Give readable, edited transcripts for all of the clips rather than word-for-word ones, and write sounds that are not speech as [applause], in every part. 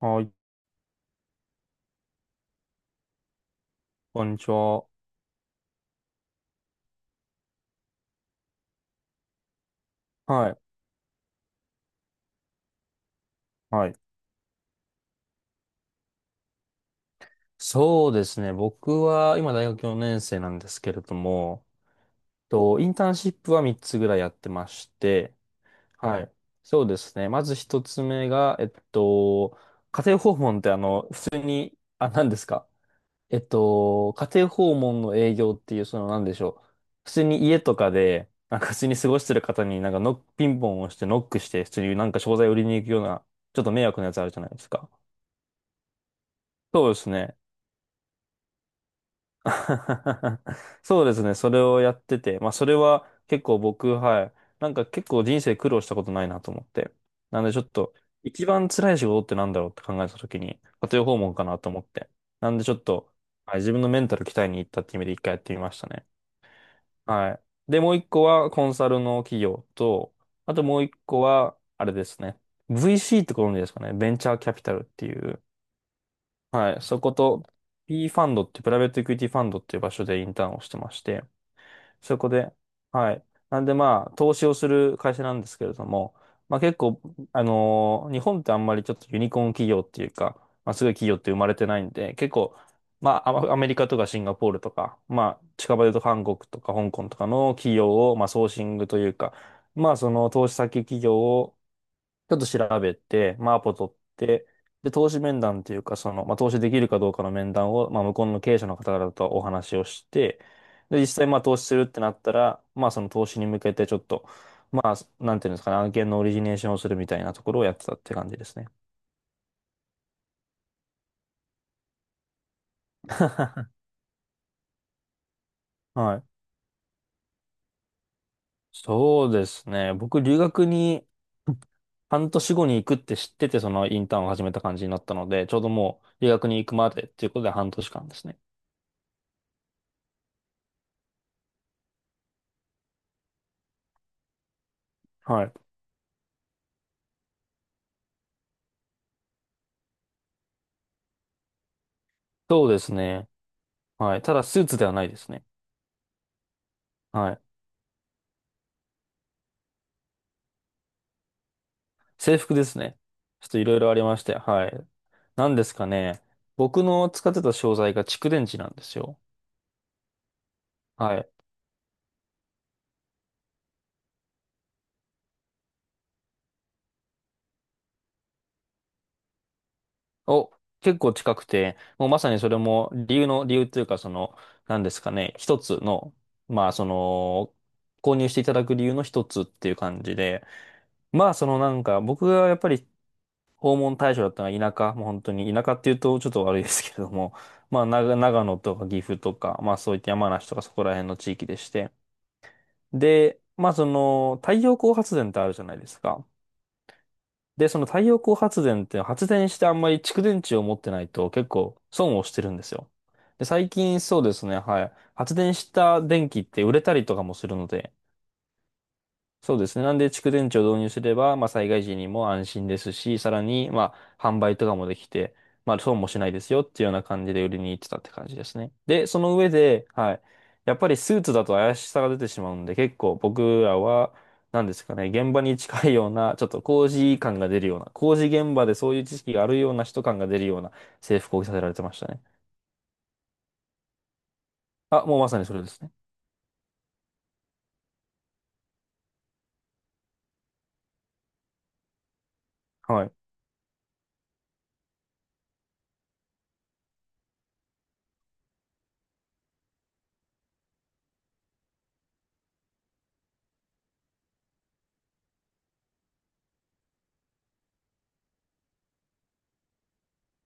はい、こんにちは。はい、はい。そうですね。僕は今大学4年生なんですけれども、インターンシップは3つぐらいやってまして、はい。そうですね。まず一つ目が、家庭訪問って普通に、何ですか？家庭訪問の営業っていう、その何でしょう。普通に家とかで、なんか普通に過ごしてる方になんかノック、ピンポンをしてノックして、普通になんか商材売りに行くような、ちょっと迷惑なやつあるじゃないですか。そうですね。[laughs] そうですね。それをやってて、まあ、それは結構僕、はい、なんか結構人生苦労したことないなと思って。なんでちょっと、一番辛い仕事ってなんだろうって考えたときに、家庭訪問かなと思って。なんでちょっと、はい、自分のメンタル鍛えに行ったって意味で一回やってみましたね。はい。で、もう一個はコンサルの企業と、あともう一個は、あれですね。VC ってご存知ですかね。ベンチャーキャピタルっていう。はい、そこと P ファンドってプライベートエクイティファンドっていう場所でインターンをしてまして、そこで、はい。なんでまあ、投資をする会社なんですけれども、まあ結構、日本ってあんまりちょっとユニコーン企業っていうか、まあすごい企業って生まれてないんで、結構、まあアメリカとかシンガポールとか、まあ近場で言うと韓国とか香港とかの企業を、まあソーシングというか、まあその投資先企業をちょっと調べて、まあ、アポ取って、で、投資面談っていうか、その、まあ、投資できるかどうかの面談を、まあ、向こうの経営者の方々とお話をして、で、実際、まあ、投資するってなったら、まあ、その投資に向けてちょっと、まあ、なんていうんですかね、案件のオリジネーションをするみたいなところをやってたって感じですね。[laughs] はい。そうですね。僕、留学に半年後に行くって知ってて、そのインターンを始めた感じになったので、ちょうどもう留学に行くまでっていうことで半年間ですね。はい。そうですね。はい。ただ、スーツではないですね。はい。制服ですね。ちょっといろいろありまして、はい。なんですかね。僕の使ってた商材が蓄電池なんですよ。はい。お、結構近くて、もうまさにそれも理由の、理由というか、その、なんですかね。一つの、まあ、その、購入していただく理由の一つっていう感じで、まあ、そのなんか、僕がやっぱり訪問対象だったのが田舎、もう本当に田舎っていうとちょっと悪いですけれども、[laughs] まあ長野とか岐阜とか、まあそういった山梨とかそこら辺の地域でして。で、まあその太陽光発電ってあるじゃないですか。で、その太陽光発電って発電してあんまり蓄電池を持ってないと結構損をしてるんですよ。で、最近そうですね、はい、発電した電気って売れたりとかもするので、そうですね。なんで、蓄電池を導入すれば、まあ、災害時にも安心ですし、さらに、まあ、販売とかもできて、まあ、損もしないですよっていうような感じで売りに行ってたって感じですね。で、その上で、はい、やっぱりスーツだと怪しさが出てしまうんで、結構僕らは、なんですかね、現場に近いような、ちょっと工事感が出るような、工事現場でそういう知識があるような人感が出るような制服を着させられてましたね。あ、もうまさにそれですね。はい。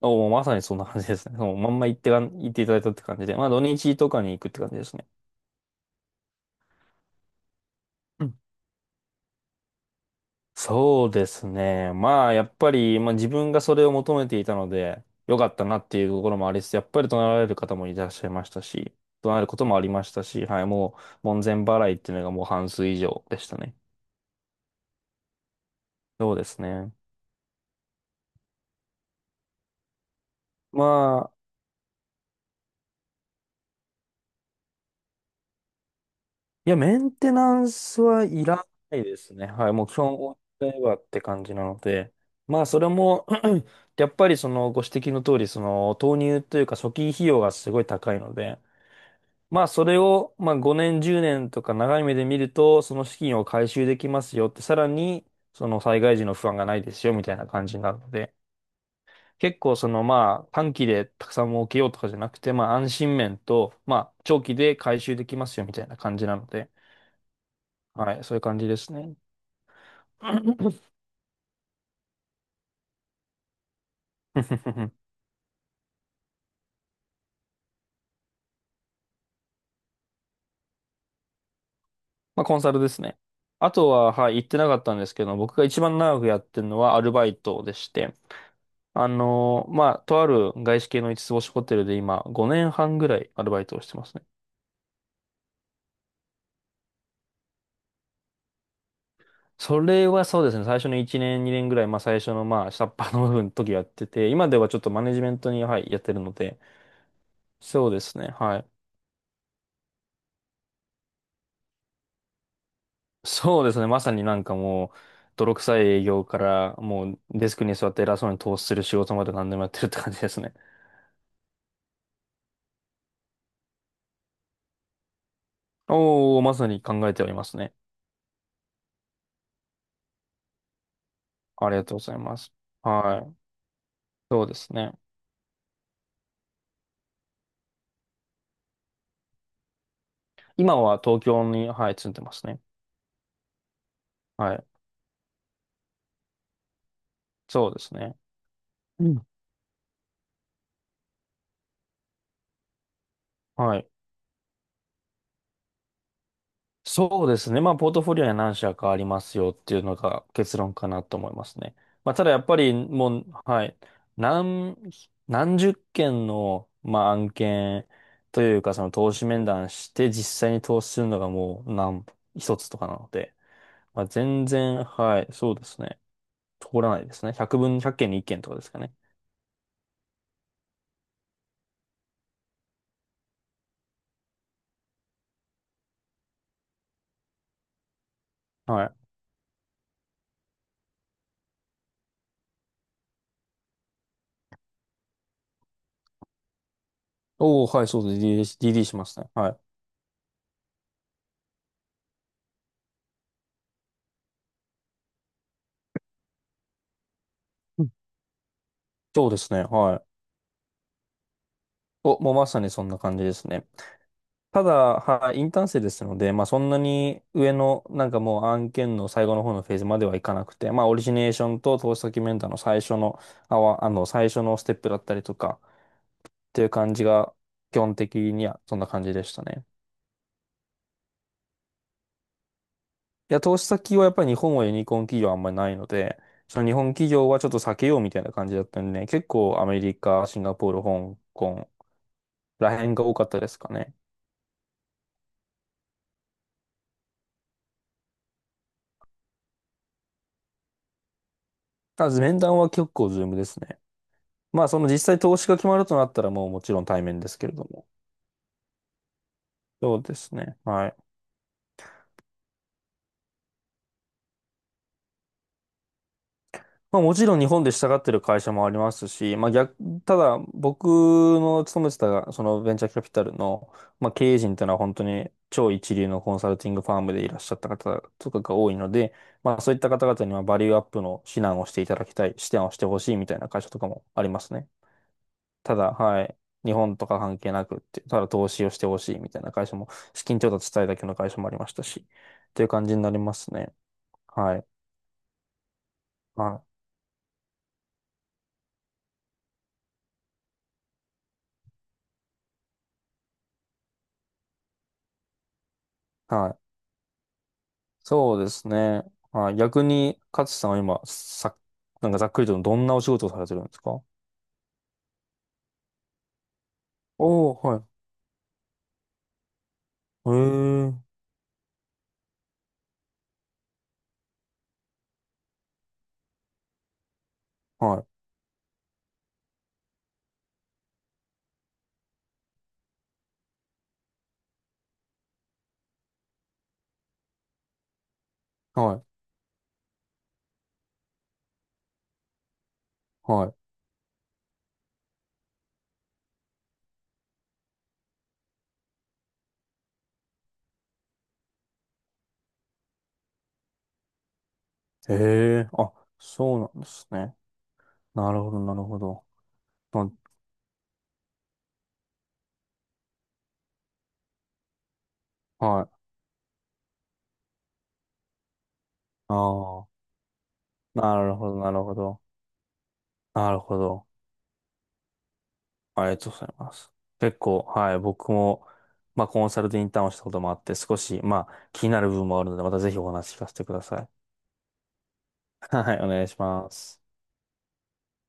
お、もうまさにそんな感じですね。もうまんま言っていただいたって感じで、まあ土日とかに行くって感じですね。うん、そうですね。まあ、やっぱり、まあ、自分がそれを求めていたので、良かったなっていうところもありつつ、やっぱり怒鳴られる方もいらっしゃいましたし、怒鳴ることもありましたし、はい、もう、門前払いっていうのがもう半数以上でしたね。そうですね。まあ、いや、メンテナンスはいらないですね。はい、もう基本終わっちゃえばって感じなので、まあ、それも [clears throat] やっぱりそのご指摘の通り、その投入というか初期費用がすごい高いので、まあ、それを、まあ、5年、10年とか長い目で見ると、その資金を回収できますよって、さらに、その災害時の不安がないですよ、みたいな感じになるので、結構、その、まあ、短期でたくさん儲けようとかじゃなくて、まあ、安心面と、まあ、長期で回収できますよ、みたいな感じなので、はい、そういう感じですね。[laughs] まあ、コンサルですね。あとは、はい、言ってなかったんですけど、僕が一番長くやってるのはアルバイトでして、まあ、とある外資系の五つ星ホテルで今、5年半ぐらいアルバイトをしてますね。それはそうですね、最初の1年、2年ぐらい、まあ、最初の、まあ、下っ端の部分の時やってて、今ではちょっとマネジメントに、はい、やってるので、そうですね、はい。そうですね、まさになんかもう、泥臭い営業から、もう、デスクに座って偉そうに投資する仕事まで何でもやってるって感じですね。おー、まさに考えておりますね。ありがとうございます。はい。そうですね。今は東京に、はい、住んでますね。はい。そうですね。うん。はい。そうですね。まあ、ポートフォリオには何社かありますよっていうのが結論かなと思いますね。まあ、ただやっぱりもう、はい、何、何十件の、まあ、案件というか、その投資面談して実際に投資するのがもう一つとかなので、まあ、全然、はい。そうですね、通らないですね。100分、1件に1件とかですかね。はい。おー、はい、そうです。DD しますね。はい。うん、そうですね。はい。お、もうまさにそんな感じですね。ただ、はい、インターン生ですので、まあそんなに上の、なんかもう案件の最後の方のフェーズまではいかなくて、まあオリジネーションと投資先メンターの最初の、あわ、あの、最初のステップだったりとか、っていう感じが、基本的にはそんな感じでしたね。いや、投資先はやっぱり日本はユニコーン企業あんまりないので、その日本企業はちょっと避けようみたいな感じだったんでね、結構アメリカ、シンガポール、香港ら辺が多かったですかね。ただ面談は結構ズームですね。まあ、その実際投資が決まるとなったらもうもちろん対面ですけれども。そうですね。はい。まあ、もちろん日本で従ってる会社もありますし、まあ逆、ただ僕の勤めてたそのベンチャーキャピタルの、まあ、経営陣というのは本当に超一流のコンサルティングファームでいらっしゃった方とかが多いので、まあそういった方々にはバリューアップの指南をしていただきたい、指南をしてほしいみたいな会社とかもありますね。ただ、はい、日本とか関係なくって、ただ投資をしてほしいみたいな会社も、資金調達したいだけの会社もありましたし、という感じになりますね。はい。はい。はい。そうですね。はい。逆に、勝さんは今、なんかざっくりとどんなお仕事をされてるんですか？おー、はい。へえ。はい。はい。はい。へえ。あ、そうなんですね。なるほど、なるほど。まはい。ああ。なるほど、なるほど。なるほど。ありがとうございます。結構、はい、僕も、まあ、コンサルでインターンをしたこともあって、少し、まあ、気になる部分もあるので、またぜひお話聞かせてください。はい、お願いします。